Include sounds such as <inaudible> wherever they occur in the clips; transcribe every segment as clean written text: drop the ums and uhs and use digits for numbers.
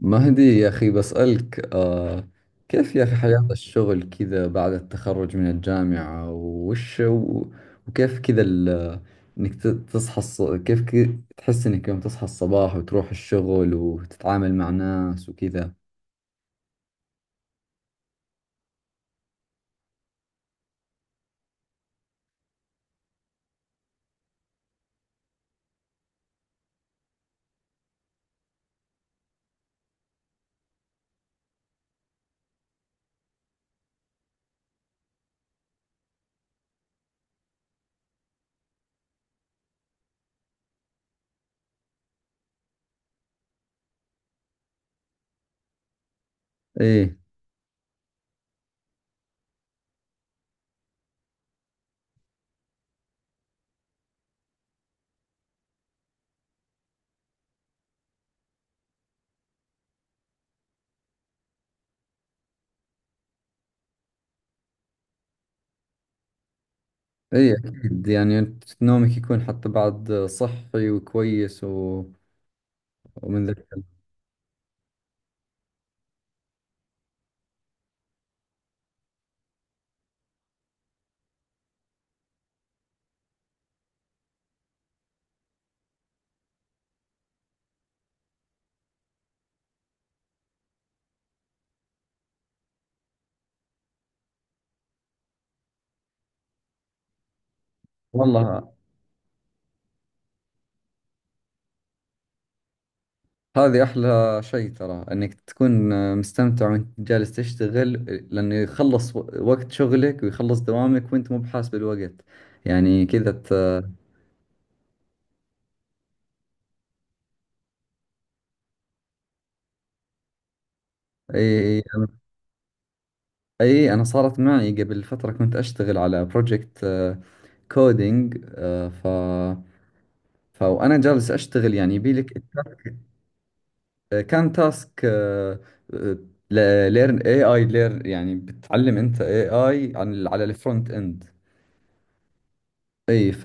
مهدي يا أخي بسألك، كيف يا أخي، حياة الشغل كذا بعد التخرج من الجامعة، وش وكيف كذا إنك تصحى كيف تحس إنك يوم تصحى الصباح وتروح الشغل وتتعامل مع ناس وكذا؟ إيه، إيه، أكيد، يعني نومك يكون حتى بعد صحي وكويس ومن ذلك. والله، هذه أحلى شيء، ترى إنك تكون مستمتع وأنت جالس تشتغل. لأنه يخلص وقت شغلك ويخلص دوامك وأنت مو بحاس بالوقت يعني كذا أي، أي، أنا صارت معي قبل فترة كنت أشتغل على بروجكت كودينج. ف وأنا جالس أشتغل يعني يبيلك كان تاسك ليرن اي اي، ليرن يعني بتعلم انت اي اي عن على الفرونت اند. اي.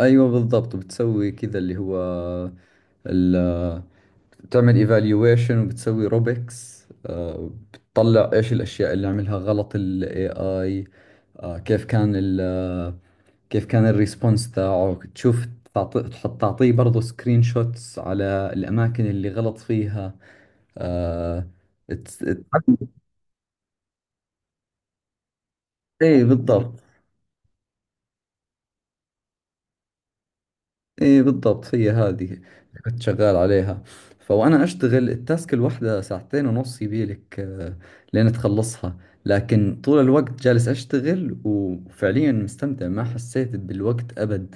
ايوه بالضبط، بتسوي كذا اللي هو ال بتعمل ايفالويشن وبتسوي روبكس، بتطلع ايش الاشياء اللي عملها غلط الاي اي. كيف كان ال كيف كان الريسبونس تاعه، تشوف، تعطي تحط تعطيه برضه سكرين شوتس على الاماكن اللي غلط فيها. آه، تس- اي بالضبط. ايه بالضبط، هي هذه اللي كنت شغال عليها، فوانا اشتغل التاسك الواحدة ساعتين ونص يبيلك، لين تخلصها. لكن طول الوقت جالس اشتغل وفعليا مستمتع، ما حسيت بالوقت ابد.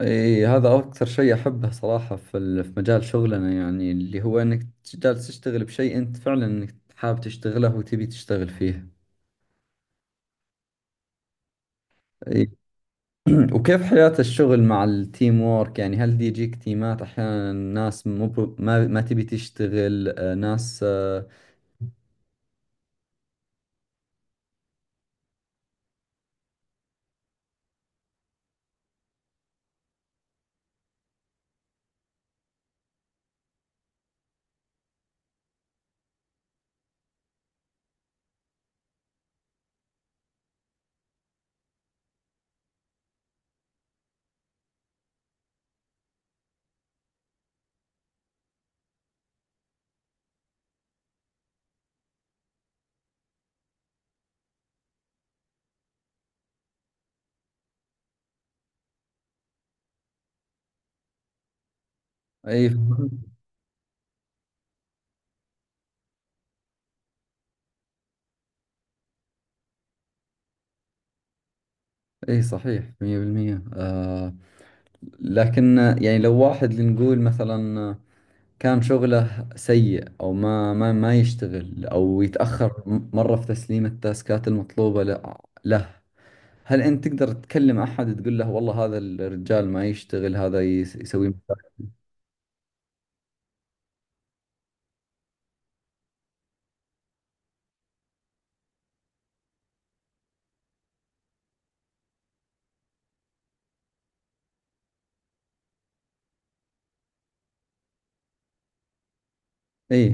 ايه، هذا اكثر شيء احبه صراحة في في مجال شغلنا يعني اللي هو انك جالس تشتغل بشيء انت فعلا انك حابب تشتغله وتبي تشتغل فيه. إيه، <clears throat> وكيف حياة الشغل مع التيم وورك؟ يعني هل دي يجيك تيمات أحيانا ناس مو ما تبي تشتغل، ناس. أي، أي، صحيح 100%. لكن، يعني لو واحد لنقول مثلا، كان شغله سيء أو ما يشتغل أو يتأخر مرة في تسليم التاسكات المطلوبة له. هل أنت تقدر تكلم أحد تقول له والله هذا الرجال ما يشتغل، هذا يسوي؟ اي،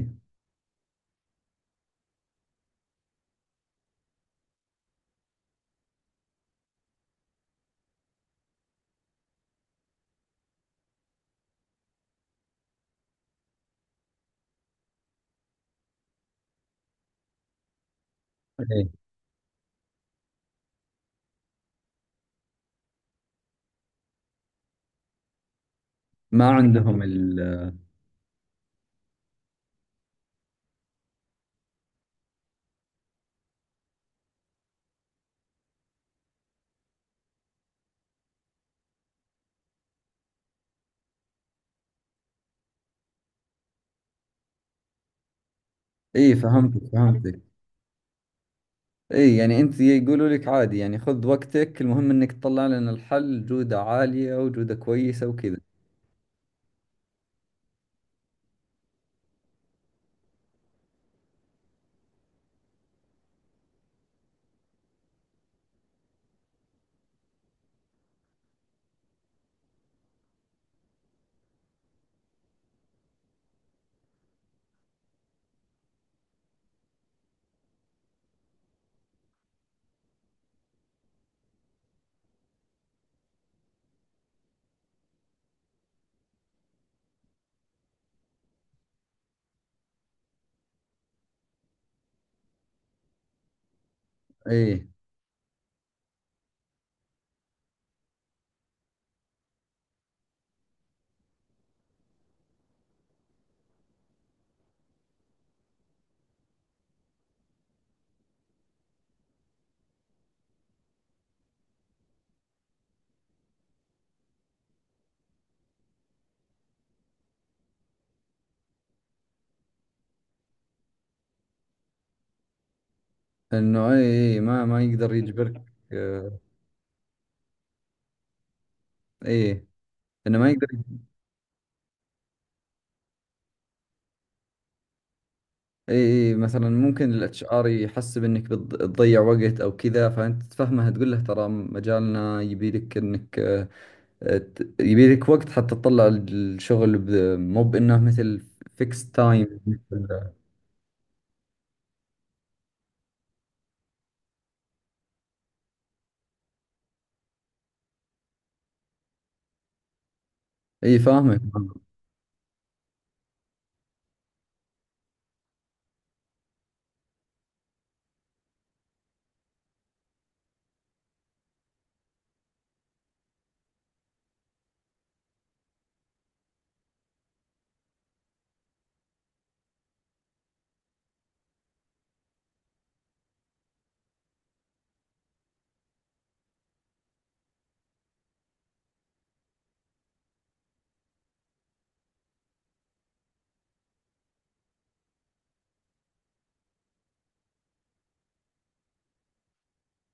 اي، ما عندهم. اي فهمتك، فهمتك. اي، يعني انت يقولوا لك عادي، يعني خذ وقتك، المهم انك تطلع لنا الحل جودة عالية وجودة كويسة وكذا. اي انه اي، اي ما يقدر يجبرك. آه، اي انه ما يقدر. اي، اي مثلا ممكن الاتش ار يحسب انك بتضيع وقت او كذا، فانت تفهمها تقول له ترى مجالنا يبي لك انك، يبي لك وقت حتى تطلع الشغل، مو بانه مثل فيكس تايم. اي فاهمك.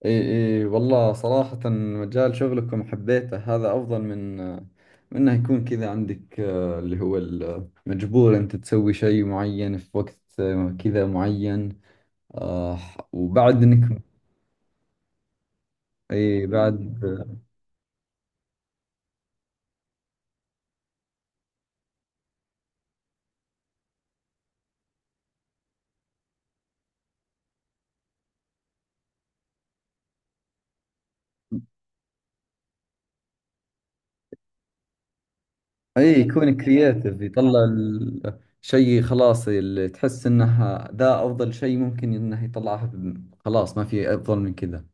اي، اي والله صراحة مجال شغلكم حبيته، هذا افضل من انه يكون كذا عندك، اللي هو مجبور انت تسوي شيء معين في وقت كذا معين، آه، وبعد انك، اي بعد، اي يكون كرييتيف، يطلع الشيء خلاص اللي تحس انه ذا افضل شيء ممكن انه يطلعه، خلاص ما في افضل من كذا.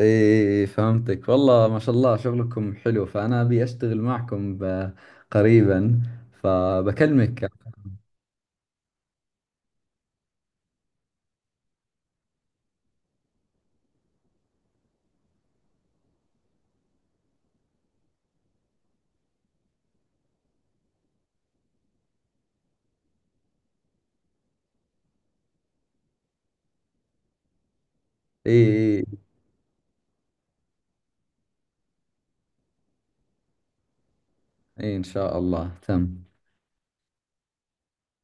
ايه فهمتك، والله ما شاء الله شغلكم حلو، فانا ابي اشتغل معكم قريبا. فبكلمك. ايه، ايه، إيه، ان شاء الله تم.